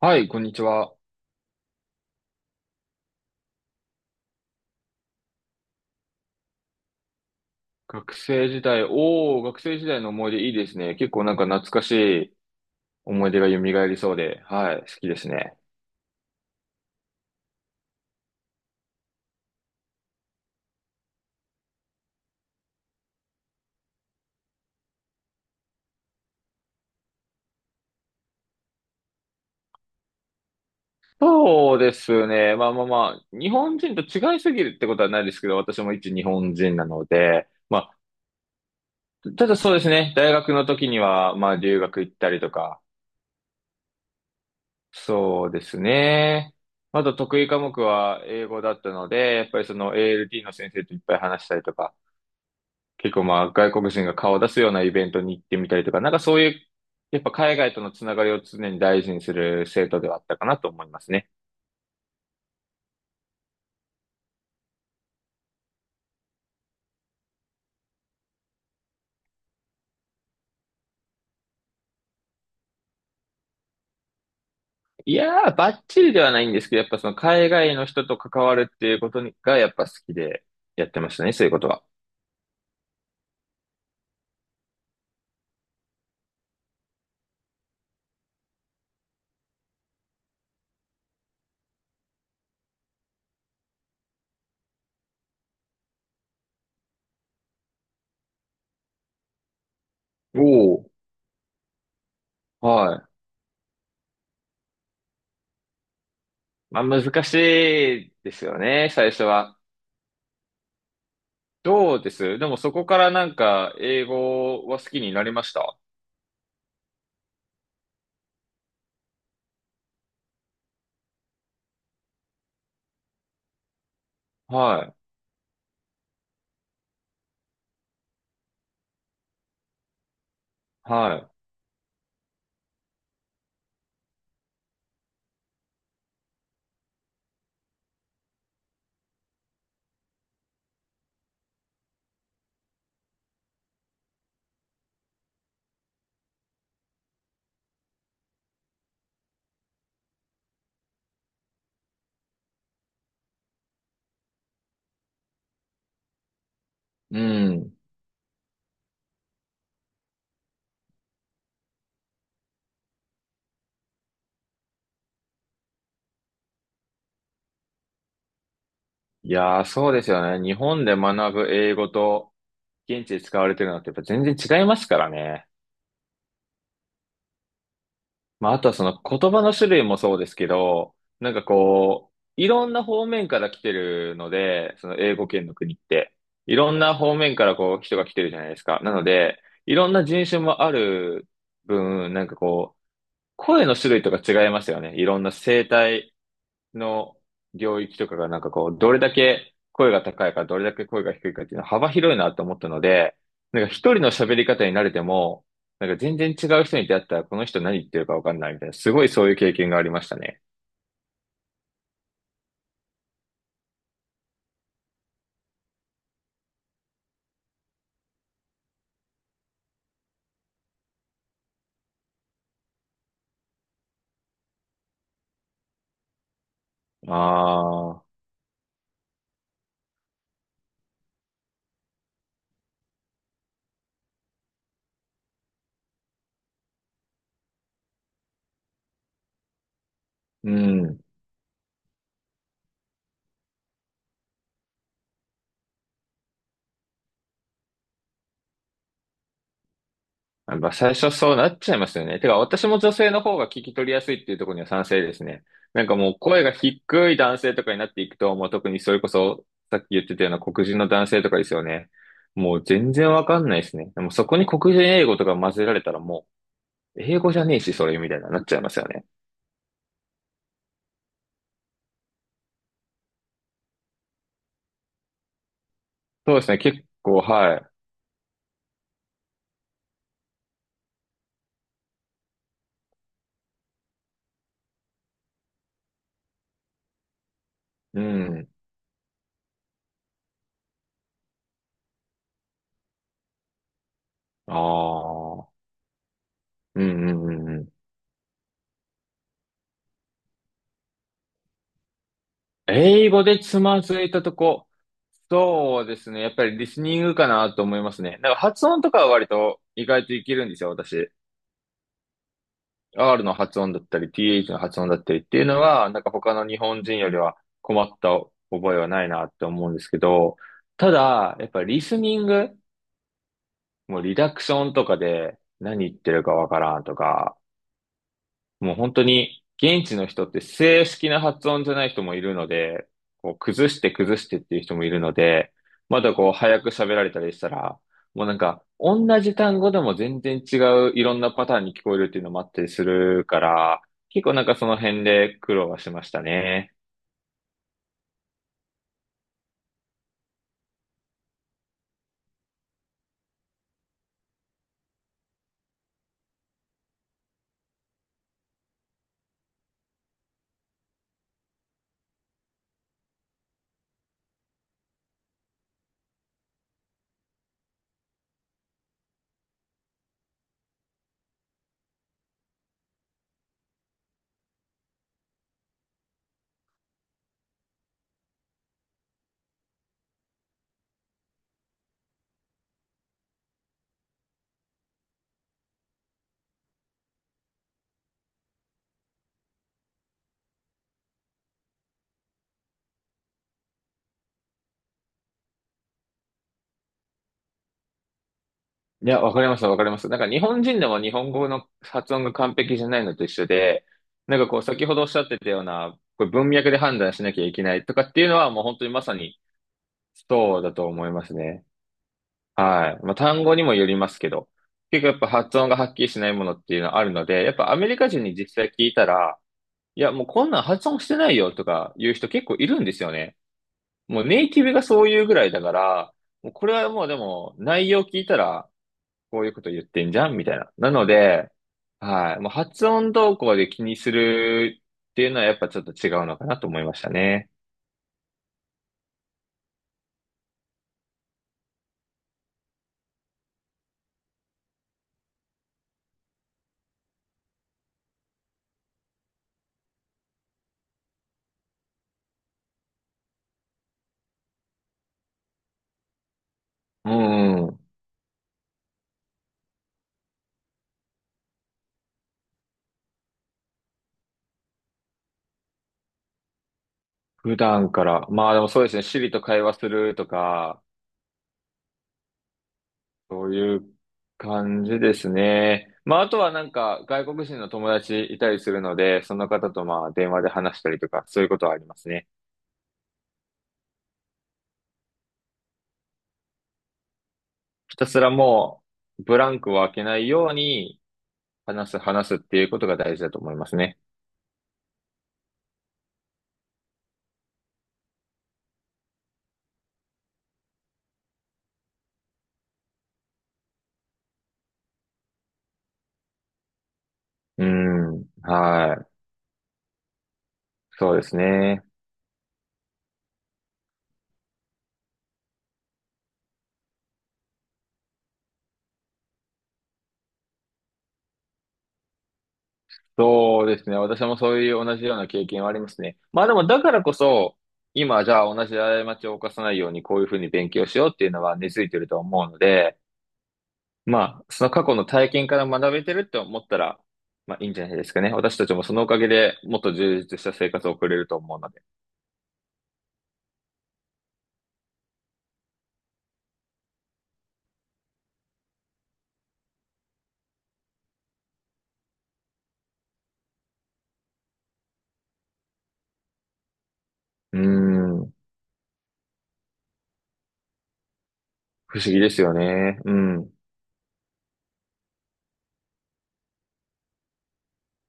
はい、こんにちは。学生時代の思い出いいですね。結構なんか懐かしい思い出が蘇りそうで、はい、好きですね。そうですね。日本人と違いすぎるってことはないですけど、私も一日本人なので、まあ、ただそうですね。大学の時には、まあ留学行ったりとか、そうですね。あと得意科目は英語だったので、やっぱりその ALT の先生といっぱい話したりとか、結構まあ外国人が顔を出すようなイベントに行ってみたりとか、なんかそういう、やっぱ海外とのつながりを常に大事にする生徒ではあったかなと思いますね。いやー、ばっちりではないんですけど、やっぱその海外の人と関わるっていうことにがやっぱ好きでやってましたね、そういうことは。おお。はい。まあ難しいですよね、最初は。どうですでもそこからなんか英語は好きになりました。はい。はい。うん。いやー、そうですよね。日本で学ぶ英語と現地で使われてるのってやっぱ全然違いますからね。まあ、あとはその言葉の種類もそうですけど、なんかこう、いろんな方面から来てるので、その英語圏の国って。いろんな方面からこう人が来てるじゃないですか。なので、いろんな人種もある分、なんかこう、声の種類とか違いましたよね。いろんな声帯の領域とかがなんかこう、どれだけ声が高いか、どれだけ声が低いかっていうのは幅広いなと思ったので、なんか一人の喋り方に慣れても、なんか全然違う人に出会ったらこの人何言ってるかわかんないみたいな、すごいそういう経験がありましたね。ああ、うん。やっぱ最初そうなっちゃいますよね。てか、私も女性の方が聞き取りやすいっていうところには賛成ですね。なんかもう声が低い男性とかになっていくと、もう特にそれこそ、さっき言ってたような黒人の男性とかですよね。もう全然わかんないですね。でもそこに黒人英語とか混ぜられたらもう、英語じゃねえし、それみたいななっちゃいますよね。そうですね、結構、はい。うん。ああ。うんうんうんうん。英語でつまずいたとこ。そうですね。やっぱりリスニングかなと思いますね。なんか発音とかは割と意外といけるんですよ、私。R の発音だったり、TH の発音だったりっていうのは、なんか他の日本人よりは困った覚えはないなって思うんですけど、ただ、やっぱりリスニング、もうリダクションとかで何言ってるかわからんとか、もう本当に現地の人って正式な発音じゃない人もいるので、こう崩して崩してっていう人もいるので、まだこう早く喋られたりしたら、もうなんか同じ単語でも全然違ういろんなパターンに聞こえるっていうのもあったりするから、結構なんかその辺で苦労はしましたね。いや、わかります。なんか日本人でも日本語の発音が完璧じゃないのと一緒で、なんかこう先ほどおっしゃってたような、これ文脈で判断しなきゃいけないとかっていうのはもう本当にまさにそうだと思いますね。はい。まあ、単語にもよりますけど、結構やっぱ発音がはっきりしないものっていうのはあるので、やっぱアメリカ人に実際聞いたら、いや、もうこんなん発音してないよとか言う人結構いるんですよね。もうネイティブがそういうぐらいだから、もうこれはもうでも内容聞いたら、こういうこと言ってんじゃんみたいな。なので、はい。もう発音動向で気にするっていうのはやっぱちょっと違うのかなと思いましたね。うん。普段から。まあでもそうですね。Siri と会話するとか、そういう感じですね。まああとはなんか外国人の友達いたりするので、その方とまあ電話で話したりとか、そういうことはありますね。ひたすらもうブランクを空けないように話す、話すっていうことが大事だと思いますね。うん。はい。そうですね。そうですね。私もそういう同じような経験はありますね。まあでも、だからこそ、今、じゃあ同じ過ちを犯さないように、こういうふうに勉強しようっていうのは根付いてると思うので、まあ、その過去の体験から学べてるって思ったら、まあいいんじゃないですかね。私たちもそのおかげでもっと充実した生活を送れると思うので。うーん。不思議ですよね。うん。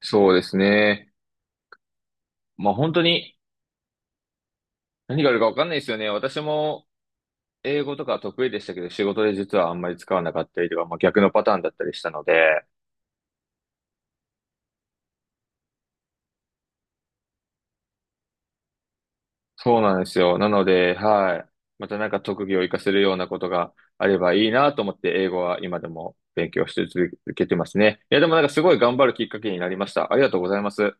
そうですね。まあ本当に何があるかわかんないですよね。私も英語とか得意でしたけど、仕事で実はあんまり使わなかったりとか、まあ、逆のパターンだったりしたので、そうなんですよ。なので、はい。またなんか特技を活かせるようなことがあればいいなと思って、英語は今でも勉強して続けてますね。いや、でもなんかすごい頑張るきっかけになりました。ありがとうございます。